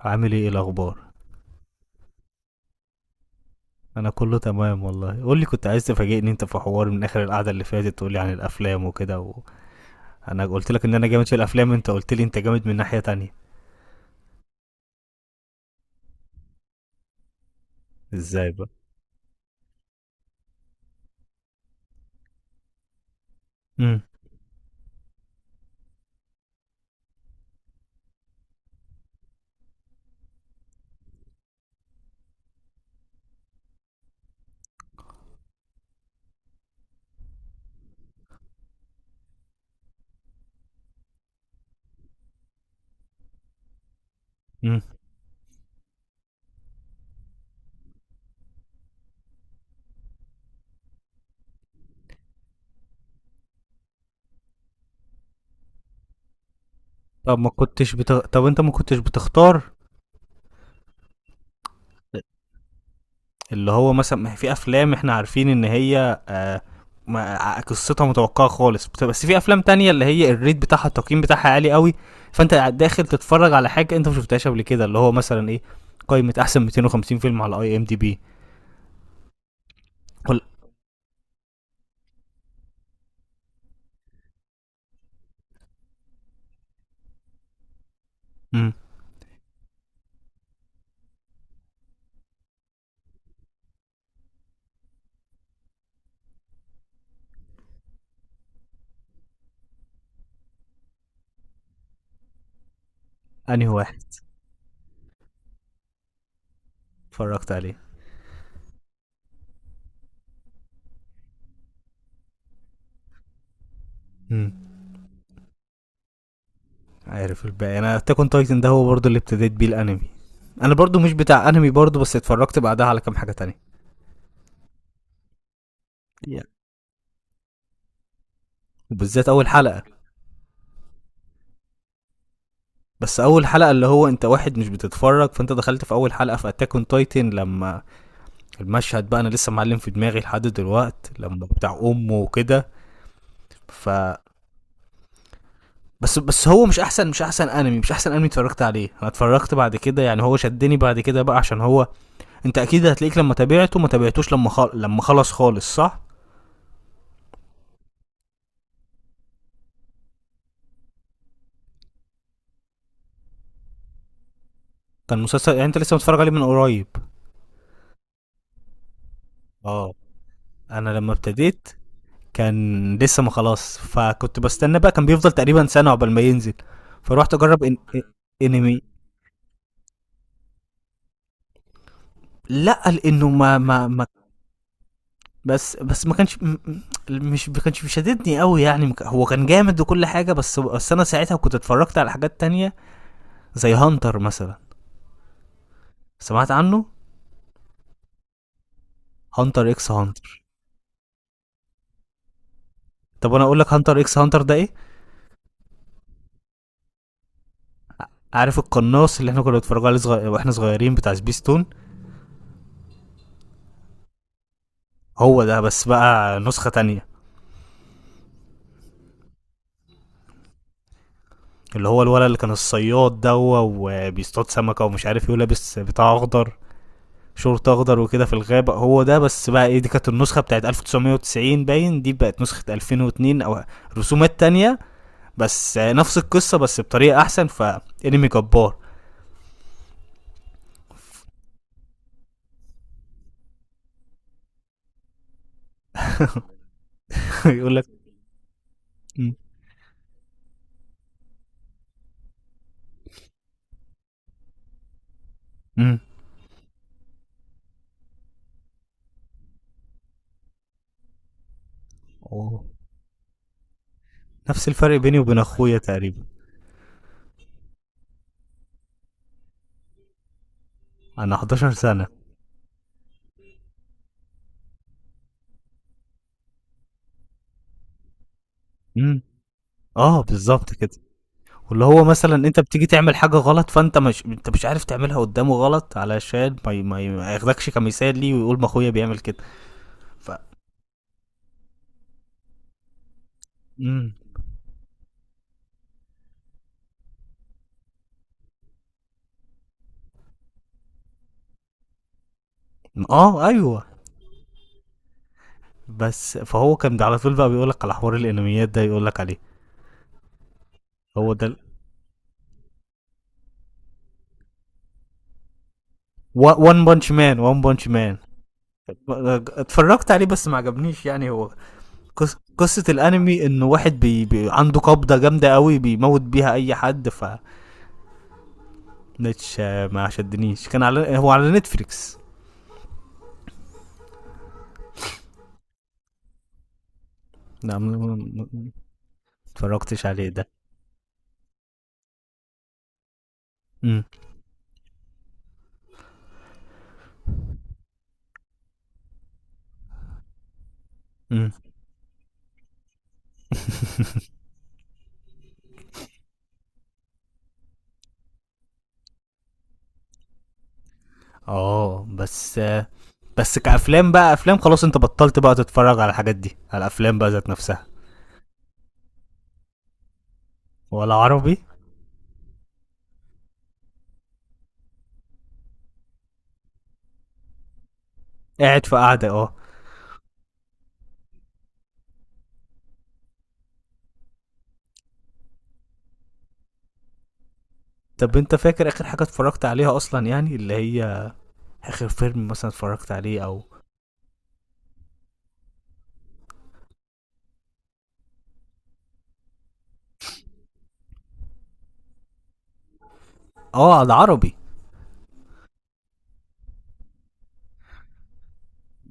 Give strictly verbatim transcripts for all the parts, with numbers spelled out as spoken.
عامل ايه إيه الاخبار؟ انا كله تمام والله، قول لي، كنت عايز تفاجئني انت في حوار من اخر القعده اللي فاتت، تقول لي عن الافلام وكده و... انا قلت لك ان انا جامد في الافلام، انت قلت لي انت جامد من ناحيه تانية. ازاي بقى؟ امم امم طب ما كنتش بت... طب انت ما كنتش بتختار؟ اللي هو مثلا ما هي في افلام احنا عارفين ان هي، آه، ما- آه، قصتها متوقعه خالص بت- بس في افلام تانية اللي هي الريت بتاعها التقييم بتاعها عالي قوي، فانت داخل تتفرج على حاجه انت ما شفتهاش قبل كده اللي هو مثلا ايه، قائمه احسن مائتين وخمسين فيلم على اي ام دي بي. قول. امم. انهي واحد؟ اتفرجت عليه؟ امم. عارف الباقي. انا تاكون تايتن ده هو برضه اللي ابتديت بيه الانمي، انا برضه مش بتاع انمي برضه، بس اتفرجت بعدها على كام حاجه تانية. yeah. وبالذات اول حلقه. بس اول حلقه، اللي هو انت واحد مش بتتفرج، فانت دخلت في اول حلقه في اتاك اون تايتن لما المشهد بقى، انا لسه معلم في دماغي لحد دلوقت لما بتاع امه وكده. ف بس بس هو مش احسن مش احسن انمي مش احسن انمي اتفرجت عليه، انا اتفرجت بعد كده، يعني هو شدني بعد كده بقى عشان هو، انت اكيد هتلاقيك لما تابعته، ما تابعتوش لما خل... لما خلص خالص، صح؟ كان مسلسل، يعني انت لسه متفرج عليه من قريب. اه. انا لما ابتديت كان لسه ما خلاص، فكنت بستنى بقى، كان بيفضل تقريبا سنه عقبال ما ينزل، فروحت اجرب إن... انمي. لا لانه ما ما ما بس بس ما كانش م- م- مش ما كانش بيشددني قوي، يعني ما ك- هو كان جامد وكل حاجه، بس بس انا ساعتها كنت اتفرجت على حاجات تانية زي هانتر مثلا. سمعت عنه؟ هانتر اكس هانتر. طب انا اقول لك هانتر اكس هانتر ده ايه. عارف القناص اللي احنا كنا بنتفرج عليه صغ... واحنا صغيرين، بتاع سبيستون؟ هو ده بس بقى نسخه تانية، اللي هو الولد اللي كان الصياد دوا وبيصطاد سمكه ومش عارف ايه، لابس بتاع اخضر، شورت اخضر وكده في الغابه. هو ده بس بقى، ايه دي كانت النسخه بتاعت ألف وتسعمية وتسعين باين، دي بقت نسخه ألفين واتنين او رسومات تانية، بس نفس القصه بس بطريقه احسن، فانمي جبار. يقول لك م- م- أوه. نفس الفرق بيني وبين اخويا تقريبا. انا احد عشر سنه. م- اه بالظبط كده. واللي هو مثلا انت بتيجي تعمل حاجه غلط، فانت مش انت مش عارف تعملها قدامه غلط علشان ما ي- ما, ي- ما ياخدكش كمثال ليه، ويقول ما اخويا بيعمل كده. ف مم. اه ايوه. بس فهو كان على طول بقى بيقولك على حوار الانميات ده، يقولك عليه هو ده ال- و- وان بانش مان وان بانش مان. اتفرجت عليه بس ما عجبنيش، يعني هو قص- قصة الانمي انه واحد بي... بي... عنده قبضة جامدة قوي بيموت بيها اي حد، ف مش ما شدنيش. كان على هو على نتفليكس. نعم؟ اتفرجتش عليه ده؟ امم، امم. اه بس. بس كأفلام بقى، أفلام خلاص، أنت بطلت بقى تتفرج على الحاجات دي، على الأفلام بقى ذات نفسها؟ ولا عربي؟ قاعد في قعدة، اه. طب أنت فاكر آخر حاجة اتفرجت عليها أصلا، يعني اللي هي آخر فيلم مثلا اتفرجت عليه أو؟ اه على عربي.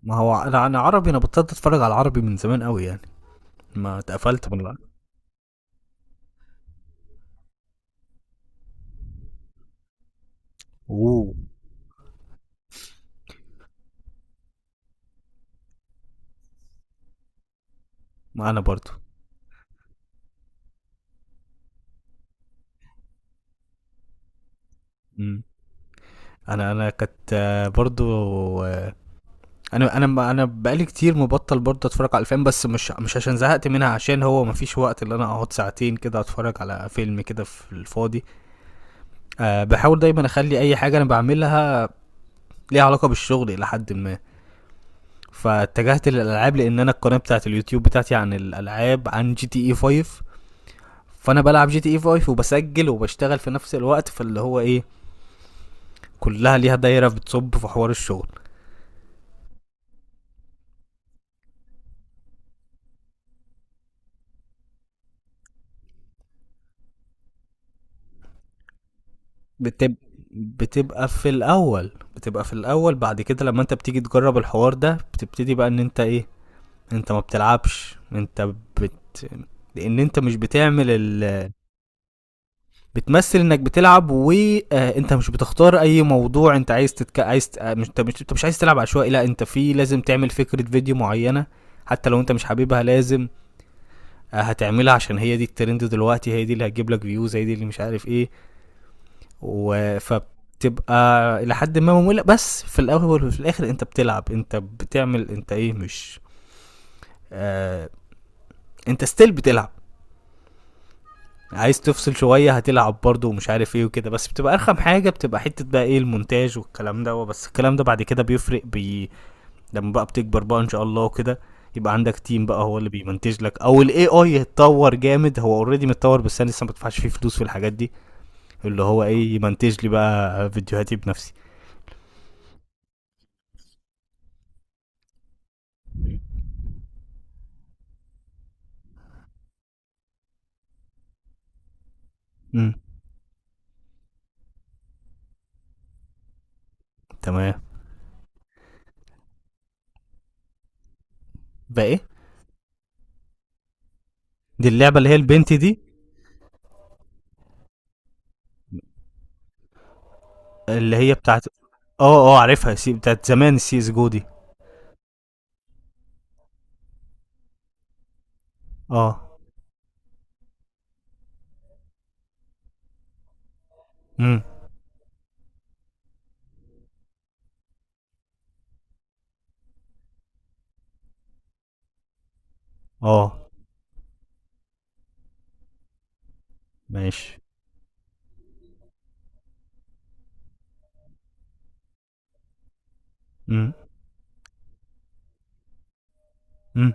ما هو ع- أنا عربي، أنا بطلت أتفرج على العربي من زمان أوي يعني، ما اتقفلت من العربي. اوه. ما أنا برضو. مم. أنا أنا كانت آه، برضو، آه، انا انا انا بقالي كتير مبطل برضه اتفرج على الافلام، بس مش مش عشان زهقت منها، عشان هو مفيش وقت اللي انا اقعد ساعتين كده اتفرج على فيلم كده في الفاضي. أه بحاول دايما اخلي اي حاجه انا بعملها ليها علاقه بالشغل الى حد ما، فاتجهت للالعاب لان انا القناه بتاعت اليوتيوب بتاعتي عن الالعاب، عن جي تي اي فايف. فانا بلعب جي تي اي فايف وبسجل وبشتغل في نفس الوقت، فاللي هو ايه، كلها ليها دايره بتصب في حوار الشغل. بتب... بتبقى في الاول بتبقى في الاول بعد كده لما انت بتيجي تجرب الحوار ده، بتبتدي بقى ان انت ايه، انت ما بتلعبش انت، بت لان انت مش بتعمل ال... بتمثل انك بتلعب، وانت مش بتختار اي موضوع انت عايز تتك... عايز ت... آه، مش انت مش انت مش عايز تلعب عشوائي، لا انت في لازم تعمل فكره فيديو معينه، حتى لو انت مش حاببها، لازم آه، هتعملها عشان هي دي الترند دلوقتي، هي دي اللي هتجيب لك فيوز، هي دي اللي مش عارف ايه. وفبتبقى الى حد ما ممله، بس في الاول وفي الاخر انت بتلعب، انت بتعمل انت ايه، مش آه انت ستيل بتلعب، عايز تفصل شويه هتلعب برضه ومش عارف ايه وكده، بس بتبقى ارخم حاجه، بتبقى حته بقى ايه المونتاج والكلام ده. بس الكلام ده بعد كده بيفرق بي... لما بقى بتكبر بقى ان شاء الله وكده، يبقى عندك تيم بقى هو اللي بيمنتج لك، او الاي اي يتطور جامد، هو اوريدي متطور بس انا لسه ما بدفعش فيه فلوس في الحاجات دي، اللي هو ايه، يمنتج لي بقى فيديوهاتي بنفسي. امم. تمام. بقى ايه؟ دي اللعبه اللي هي البنت دي؟ اللي هي بتاعت، اه اه عارفها، سي... بتاعت زمان، السي اس جو دي. اه. امم. اه. ماشي. امم، امم.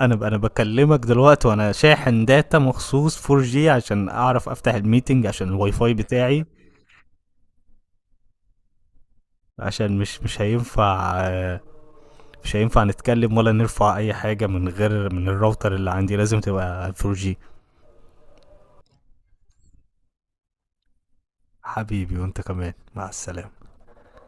انا ب... انا بكلمك دلوقتي وانا شاحن داتا مخصوص فور جي عشان اعرف افتح الميتنج، عشان الواي فاي بتاعي عشان مش مش هينفع، آه، مش هينفع نتكلم ولا نرفع اي حاجه من غير من الراوتر اللي عندي، لازم تبقى فور جي. حبيبي، وانت كمان مع السلامه.